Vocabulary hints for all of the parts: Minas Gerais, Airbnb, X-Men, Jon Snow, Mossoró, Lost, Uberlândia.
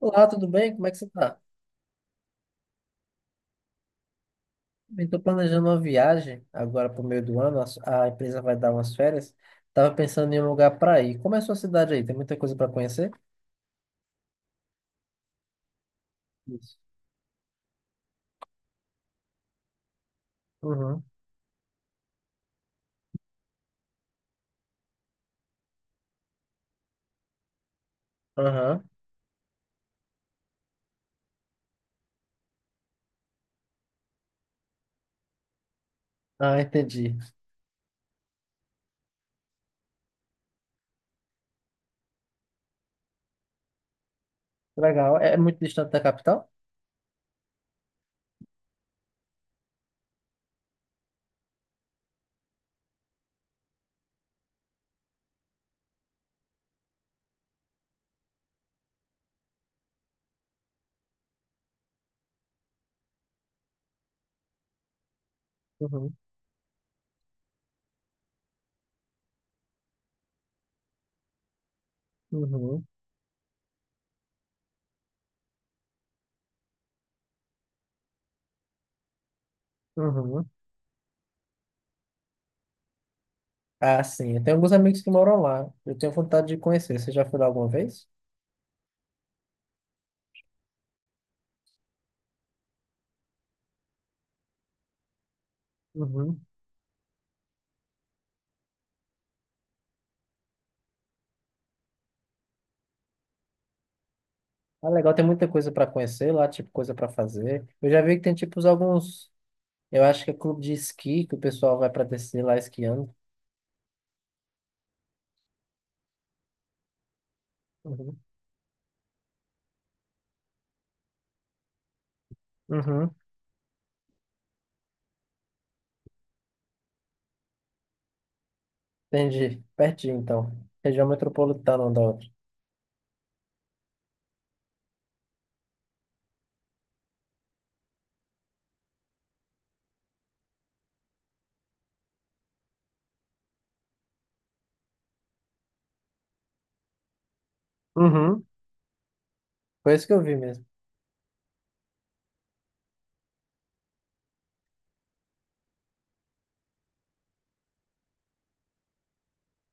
Olá, tudo bem? Como é que você está? Estou planejando uma viagem agora para o meio do ano. A empresa vai dar umas férias. Tava pensando em um lugar para ir. Como é a sua cidade aí? Tem muita coisa para conhecer? Isso. Uhum. Aham. Ah, entendi. Legal. É muito distante da capital? Uhum. Uhum. Uhum. Ah, sim. Eu tenho alguns amigos que moram lá. Eu tenho vontade de conhecer. Você já foi lá alguma vez? Uhum. Ah, legal, tem muita coisa para conhecer lá, tipo, coisa para fazer. Eu já vi que tem, tipo, alguns. Eu acho que é clube de esqui que o pessoal vai para descer lá esquiando. Uhum. Uhum. Entendi. Pertinho, então. Região metropolitana um da outra. Uhum. Foi isso que eu vi mesmo.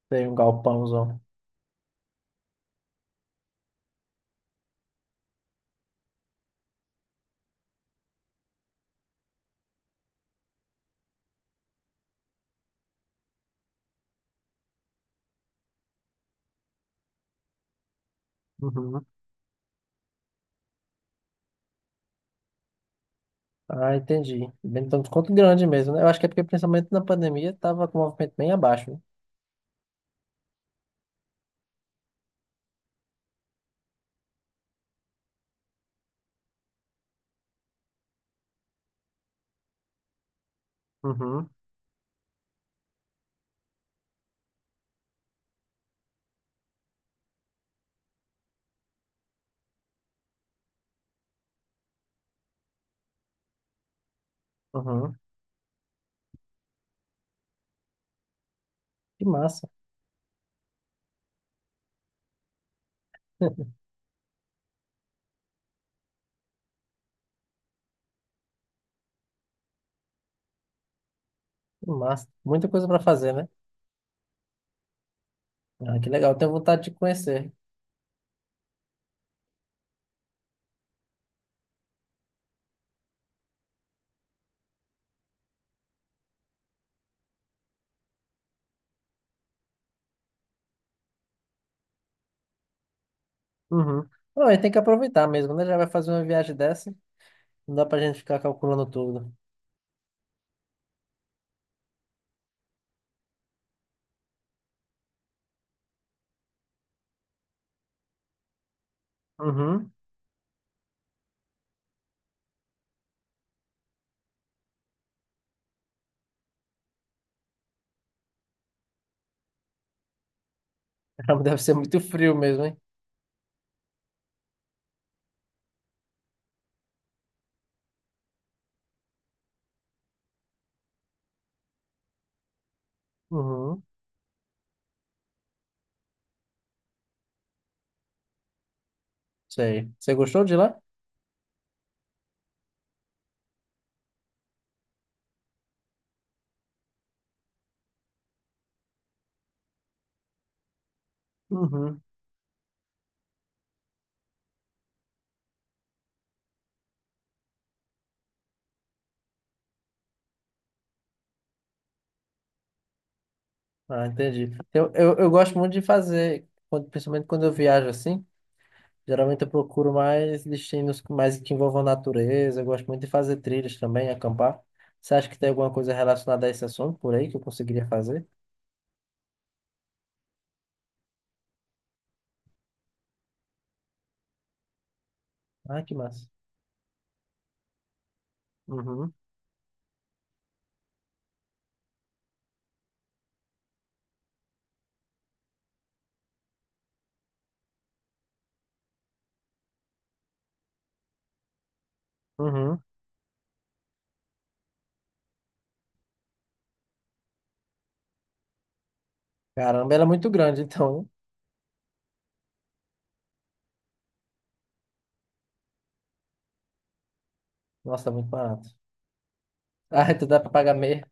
Tem um galpãozão. Uhum. Ah, entendi. Bem, então, desconto grande mesmo, né? Eu acho que é porque, principalmente na pandemia, tava com o movimento bem abaixo, né? Uhum. Uhum. Que massa. Que massa. Muita coisa para fazer, né? Ah, que legal. Tenho vontade de conhecer. Uhum. Não, a tem que aproveitar mesmo, né? Já vai fazer uma viagem dessa, não dá pra gente ficar calculando tudo. Uhum. Deve ser muito frio mesmo, hein? Uhum. Sei. Você gostou de lá? Uhum. Ah, entendi. Eu gosto muito de fazer, principalmente quando eu viajo assim, geralmente eu procuro mais destinos mais que envolvam natureza, eu gosto muito de fazer trilhas também, acampar. Você acha que tem alguma coisa relacionada a esse assunto por aí que eu conseguiria fazer? Ah, que massa. Uhum. Uhum. Caramba, ela é muito grande, então, né? Nossa, é muito barato. Ah, tu dá pra pagar meia.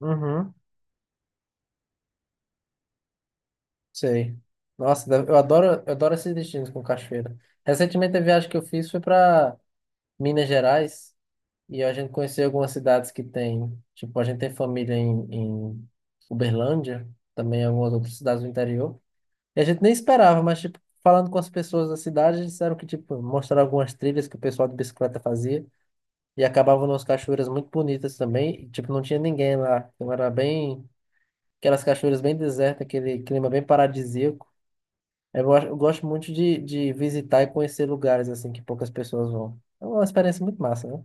Uhum. Sei. Eu adoro, eu adoro esses destinos com cachoeira. Recentemente a viagem que eu fiz foi pra Minas Gerais e a gente conheceu algumas cidades que tem, tipo, a gente tem família em, em Uberlândia, também algumas outras cidades do interior. E a gente nem esperava, mas tipo, falando com as pessoas da cidade, eles disseram que tipo, mostraram algumas trilhas que o pessoal de bicicleta fazia e acabavam nas cachoeiras muito bonitas também, e, tipo, não tinha ninguém lá. Então era bem aquelas cachoeiras bem desertas, aquele clima bem paradisíaco. É, eu gosto, eu gosto muito de visitar e conhecer lugares assim que poucas pessoas vão. É uma experiência muito massa, né?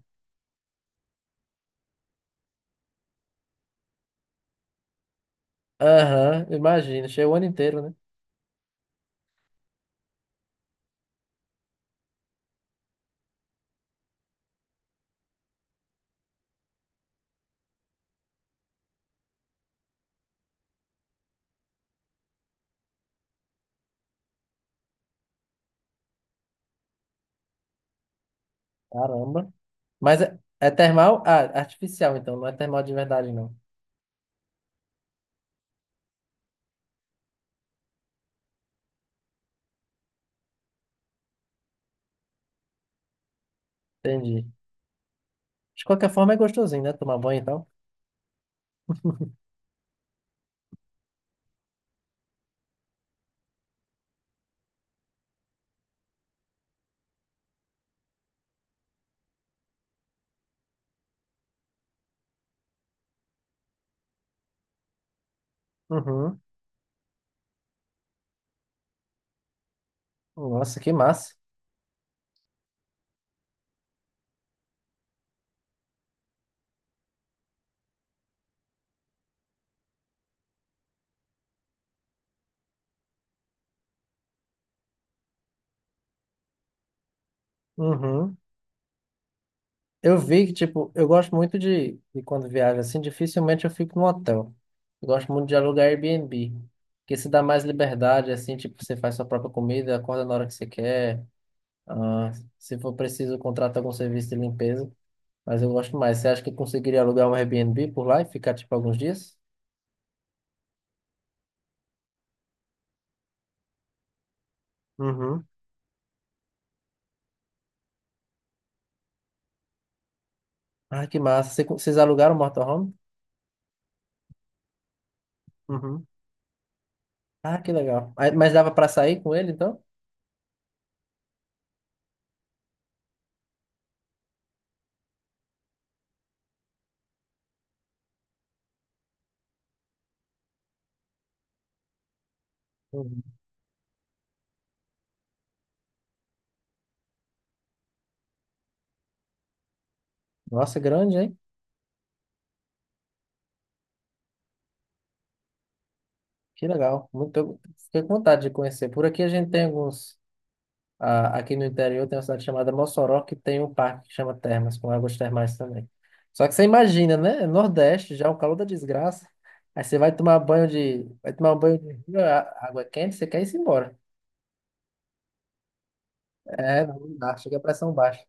Aham, imagina. Cheio o ano inteiro, né? Caramba. Mas é termal? Ah, artificial, então. Não é termal de verdade, não. Entendi. De qualquer forma, é gostosinho, né? Tomar banho e tal. Uhum. Nossa, que massa. Uhum. Eu vi que, tipo, eu gosto muito de quando viajo assim, dificilmente eu fico no hotel. Eu gosto muito de alugar Airbnb, porque se dá mais liberdade, assim, tipo, você faz sua própria comida, acorda na hora que você quer. Ah, se for preciso, contrata algum serviço de limpeza. Mas eu gosto mais. Você acha que eu conseguiria alugar um Airbnb por lá e ficar, tipo, alguns dias? Uhum. Ah, que massa. Vocês alugaram o motorhome? Uhum. Ah, que legal. Mas dava pra sair com ele, então? Uhum. Nossa, grande, hein? Que legal. Muito, eu fiquei com vontade de conhecer. Por aqui a gente tem alguns. Ah, aqui no interior tem uma cidade chamada Mossoró, que tem um parque que chama Termas, com águas termais também. Só que você imagina, né? Nordeste, já o calor da desgraça. Aí você vai tomar banho de. Vai tomar um banho de rio, água é quente, você quer ir embora. É, não dá, chega a pressão baixa.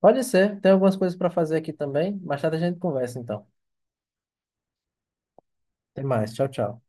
Pode ser, tem algumas coisas para fazer aqui também. Mais tarde a gente conversa então. Até mais, tchau, tchau.